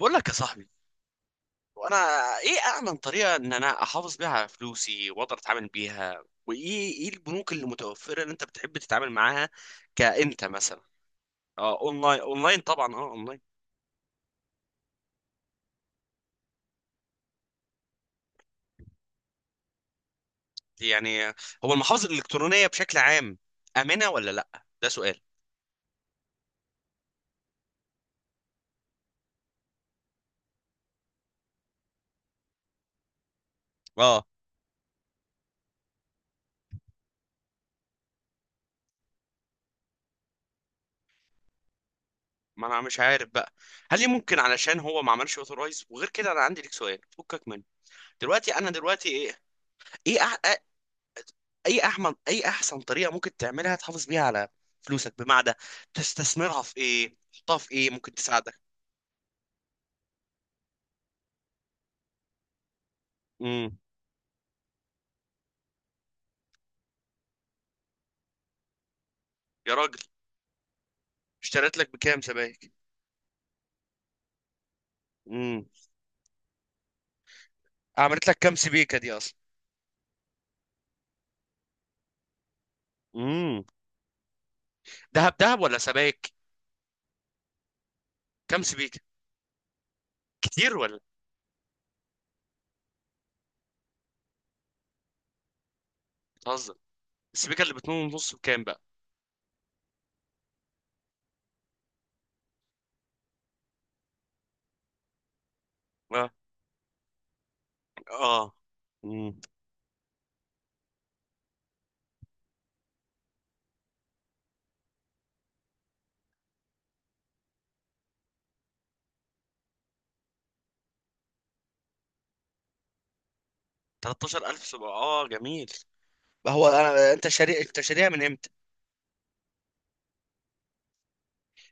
بقول لك يا صاحبي، وانا ايه امن طريقه ان انا احافظ بيها على فلوسي، واقدر اتعامل بيها. وايه البنوك اللي متوفره اللي انت بتحب تتعامل معاها؟ كانت مثلا اه اونلاين، طبعا، اونلاين. يعني هو المحافظ الالكترونيه بشكل عام، امنه ولا لا؟ ده سؤال. اه ما انا مش عارف بقى، هل ليه ممكن علشان هو ما عملش اوثورايز؟ وغير كده انا عندي لك سؤال، فكك منه. دلوقتي انا دلوقتي ايه، ايه أح- اي احسن طريقه ممكن تعملها تحافظ بيها على فلوسك؟ بمعنى تستثمرها في ايه، تحطها في ايه ممكن تساعدك. امم يا راجل، اشتريت لك بكام سبائك؟ امم عملت لك كام سبيكه دي اصلا؟ امم دهب دهب ولا سبائك؟ كام سبيكه؟ كتير ولا؟ بتهزر. السبيكه اللي باتنين ونص بكام بقى؟ اه، اه، امم 13,000 سبعة، اه، جميل. هو انا انت شاري، انت شاريها من امتى؟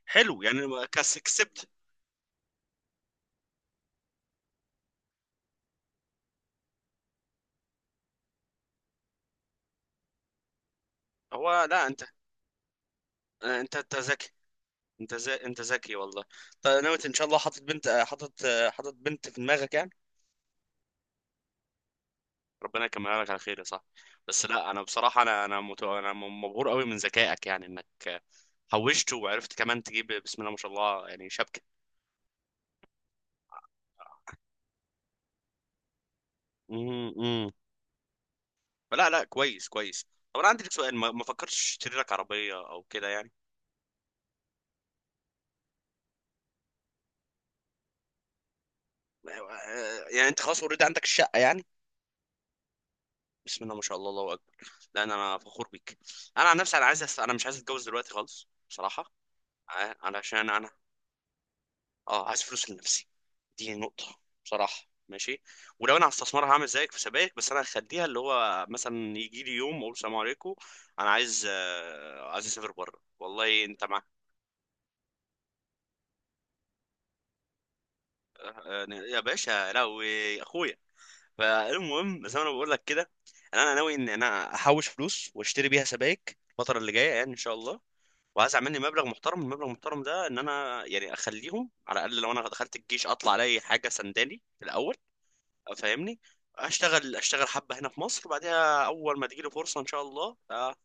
حلو، يعني كسبت. هو لا انت، انت ذكي. انت زي... انت ذكي والله. طيب نويت ان شاء الله، حاطط بنت، حاطط بنت في دماغك يعني؟ ربنا يكملها لك على خير يا صاحبي. بس لا انا بصراحه انا مت... انا مبهور قوي من ذكائك، يعني انك حوشت وعرفت كمان تجيب بسم الله ما شاء الله يعني شبكه. امم لا لا، كويس كويس. طب انا عندي لك سؤال، ما فكرتش تشتري لك عربيه او كده يعني؟ يعني انت خلاص اوريدي عندك الشقه يعني؟ بسم الله ما شاء الله، الله اكبر. لان انا فخور بيك. انا عن نفسي انا عايز أس... انا مش عايز اتجوز دلوقتي خالص بصراحه. علشان انا، اه، عايز فلوس لنفسي. دي نقطة. بصراحة، ماشي. ولو انا هستثمرها هعمل زيك في سبائك، بس انا هخليها اللي هو مثلا يجي لي يوم اقول سلام عليكم. انا عايز عايز اسافر بره والله. انت مع، يا باشا لهوي اخويا. فالمهم زي ما انا بقول لك كده، انا ناوي ان انا احوش فلوس واشتري بيها سبائك الفترة اللي جاية يعني ان شاء الله. وعايز اعمل لي مبلغ محترم، المبلغ المحترم ده ان انا يعني اخليهم على الاقل لو انا دخلت الجيش اطلع الاقي حاجة سنداني في الاول. فاهمني؟ اشتغل، اشتغل حبه هنا في مصر، بعدها اول ما تجيلي فرصه ان شاء الله آه.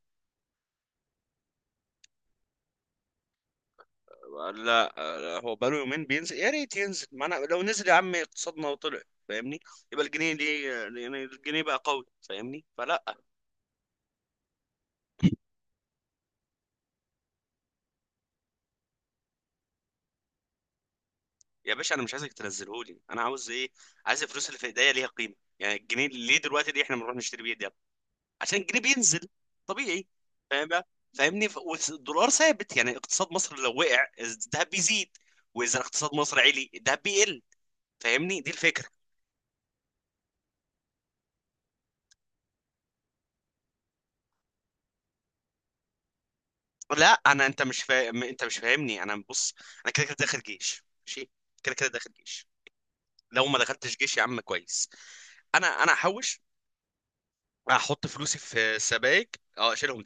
لا، آه، هو بقاله يومين بينزل، يا ريت ينزل. ما انا لو نزل يا عم اقتصادنا وطلع، فاهمني؟ يبقى الجنيه دي، يعني الجنيه بقى قوي، فاهمني؟ فلا، يا باشا انا مش عايزك تنزله لي، انا عاوز ايه؟ عايز الفلوس اللي في ايديا ليها قيمه. يعني الجنيه ليه دلوقتي دي احنا بنروح نشتري بيه دي؟ عشان الجنيه بينزل. طبيعي. فاهم بقى؟ فاهمني والدولار ثابت، يعني اقتصاد مصر لو وقع الذهب بيزيد، واذا اقتصاد مصر عالي الذهب بيقل. فاهمني؟ دي الفكره. لا انا، انت مش فاهم، انت مش فاهمني، انا بص. انا كده كده داخل جيش، ماشي. كده كده داخل جيش. لو ما دخلتش جيش يا عم كويس. انا هحوش، هحط فلوسي في سبائك، اه اشيلهم.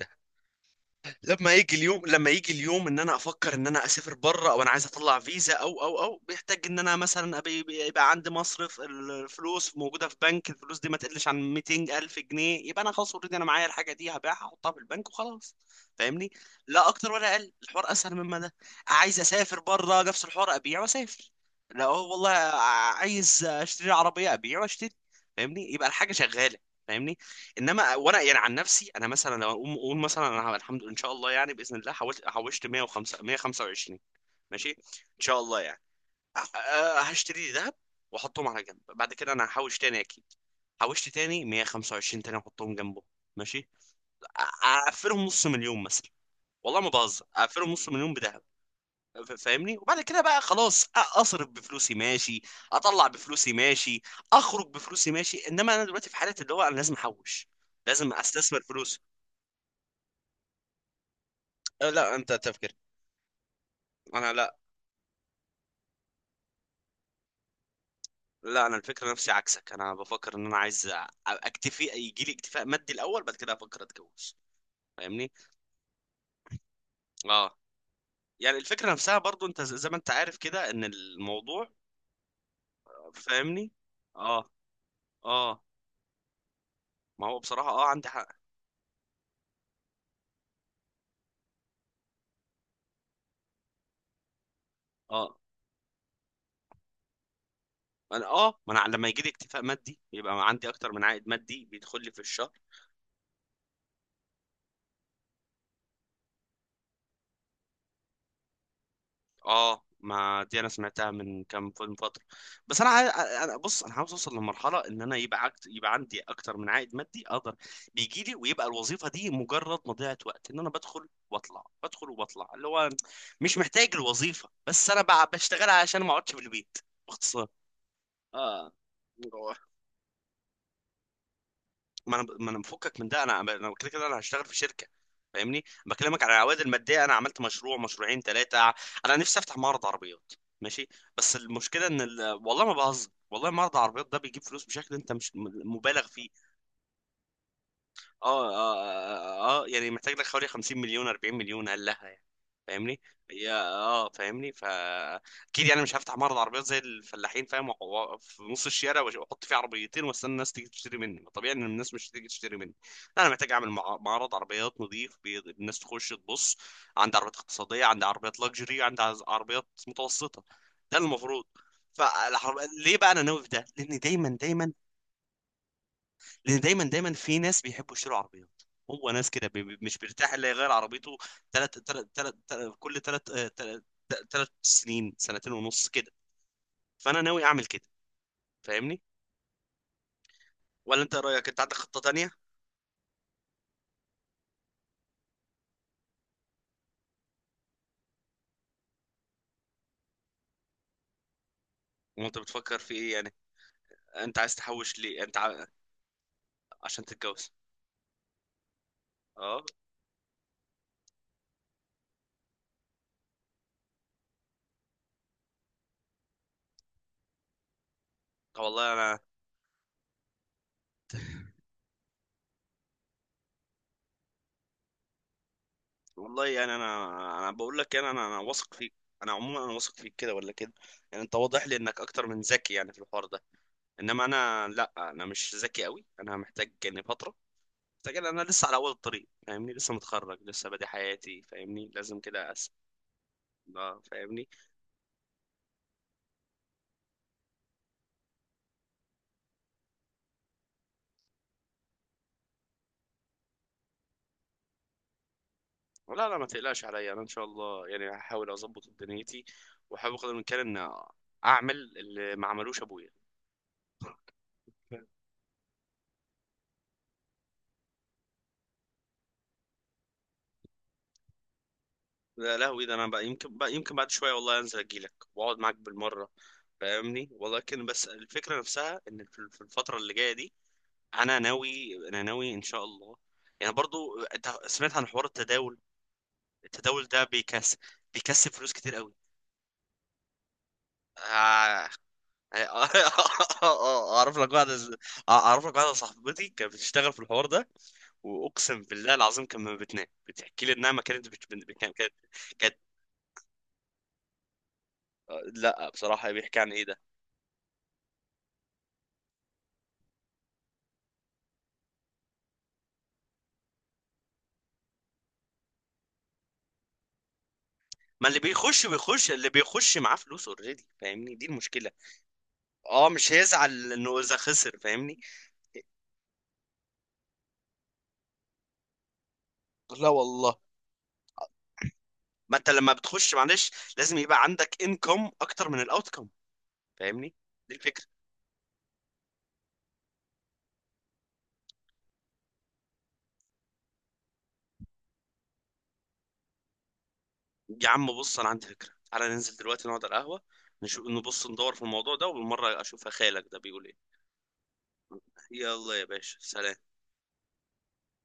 لما يجي اليوم، لما يجي اليوم ان انا افكر ان انا اسافر بره، او انا عايز اطلع فيزا او او او، بيحتاج ان انا مثلا يبقى عندي مصرف، الفلوس موجوده في بنك، الفلوس دي ما تقلش عن 200 الف جنيه، يبقى انا خلاص اوريدي انا معايا الحاجه دي، هبيعها احطها في البنك وخلاص. فاهمني؟ لا اكتر ولا اقل، الحوار اسهل مما ده. عايز اسافر بره نفس الحوار، ابيع واسافر. لا والله. عايز اشتري عربيه، ابيع واشتري. فاهمني؟ يبقى الحاجه شغاله. فاهمني؟ انما وانا يعني عن نفسي، انا مثلا لو اقوم اقول مثلا انا الحمد لله ان شاء الله يعني باذن الله حوشت 105 125، ماشي ان شاء الله يعني. هشتري لي ذهب واحطهم على جنب. بعد كده انا هحوش تاني اكيد. حوشت تاني 125 تاني، احطهم جنبه، ماشي. اقفلهم نص مليون مثلا. والله ما بهزر، اقفلهم نص مليون بذهب. فاهمني؟ وبعد كده بقى خلاص اصرف بفلوسي، ماشي. اطلع بفلوسي، ماشي. اخرج بفلوسي، ماشي. انما انا دلوقتي في حالة اللي هو انا لازم احوش، لازم استثمر فلوسي. لا انت تفكر، انا لا. لا انا الفكره نفسي عكسك، انا بفكر ان انا عايز اكتفي، يجي لي اكتفاء مادي الاول، بعد كده افكر اتجوز. فاهمني؟ اه، يعني الفكره نفسها برضو، انت زي ما انت عارف كده ان الموضوع، فاهمني؟ اه، اه، ما هو بصراحه اه عندي حق. اه، انا اه، ما انا لما يجي لي اكتفاء مادي يبقى عندي اكتر من عائد مادي بيدخل لي في الشهر. اه ما دي انا سمعتها من كام فيلم فتره. بس انا انا بص، انا عاوز اوصل لمرحله ان انا يبقى عكت... يبقى عندي اكتر من عائد مادي اقدر بيجي لي، ويبقى الوظيفه دي مجرد مضيعه وقت ان انا بدخل واطلع، بدخل وبطلع، اللي هو مش محتاج الوظيفه، بس انا بقى بشتغلها عشان ما اقعدش في البيت. باختصار. اه، ما انا مفكك من ده، انا كده كده انا هشتغل في شركه. فاهمني؟ بكلمك على العوائد الماديه، انا عملت مشروع مشروعين ثلاثه. انا نفسي افتح معرض عربيات، ماشي. بس المشكله ان ال... والله ما بهزر، والله معرض العربيات ده بيجيب فلوس بشكل انت مش مبالغ فيه. اه، اه، اه، يعني محتاج لك حوالي 50 مليون، 40 مليون هل لها يعني. فاهمني؟ يا اه فاهمني اكيد يعني مش هفتح معرض عربيات زي الفلاحين، فاهم، في نص الشارع، واحط فيه عربيتين واستنى الناس تيجي تشتري مني. ما طبيعي ان الناس مش تيجي تشتري مني. انا محتاج اعمل معرض عربيات نظيف، الناس تخش تبص عندي عربيات اقتصاديه، عندي عربيات لاكجري، عندي عربيات متوسطه. ده المفروض. فالعرب... ليه بقى انا ناوي في ده؟ لان دايما، لان دايما في ناس بيحبوا يشتروا عربيات. هو ناس كده مش بيرتاح الا يغير عربيته. كل تلات تلات سنين، سنتين ونص كده. فانا ناوي اعمل كده. فاهمني؟ ولا انت إيه رايك؟ انت عندك خطة تانية؟ وانت بتفكر في ايه يعني؟ انت عايز تحوش ليه انت عشان تتجوز؟ اه، والله انا، والله يعني انا بقول لك يعني، انا واثق فيك. انا عموما انا واثق فيك كده ولا كده. يعني انت واضح لي انك اكتر من ذكي يعني في الحوار ده. انما انا لا، انا مش ذكي قوي، انا محتاج يعني فترة، مستعجل. انا لسه على اول الطريق، فاهمني؟ لسه متخرج، لسه بادئ حياتي، فاهمني؟ لازم كده أس... اه، فاهمني؟ لا لا، ما تقلقش عليا، انا ان شاء الله يعني هحاول اظبط دنيتي، واحاول قدر الامكان ان اعمل اللي ما عملوش ابويا. لا لهوي ده، انا بقى يمكن، بقى يمكن بعد شويه والله انزل اجيلك واقعد معاك بالمره. فاهمني؟ ولكن بس الفكره نفسها ان في الفتره اللي جايه دي، انا ناوي ان شاء الله. يعني برضو انت سمعت عن حوار التداول؟ التداول ده بيكسب، بيكسب فلوس كتير قوي. آه، اعرف لك واحده اعرف لك واحده صاحبتي كانت بتشتغل في الحوار ده، واقسم بالله العظيم كان ما بتنام بتحكي لي انها ما كانت كانت لا بصراحه بيحكي عن ايه ده؟ ما اللي بيخش، اللي بيخش معاه فلوس اوريدي، فاهمني؟ دي المشكله. اه مش هيزعل انه اذا خسر، فاهمني؟ لا والله، ما انت لما بتخش معلش لازم يبقى عندك انكم اكتر من الاوتكم. فاهمني؟ دي، يا عم بص، انا عندي فكره، تعالى ننزل دلوقتي نقعد على القهوه، نشوف نبص ندور في الموضوع ده، وبالمره اشوف خالك ده بيقول ايه. يلا يا باشا، سلام.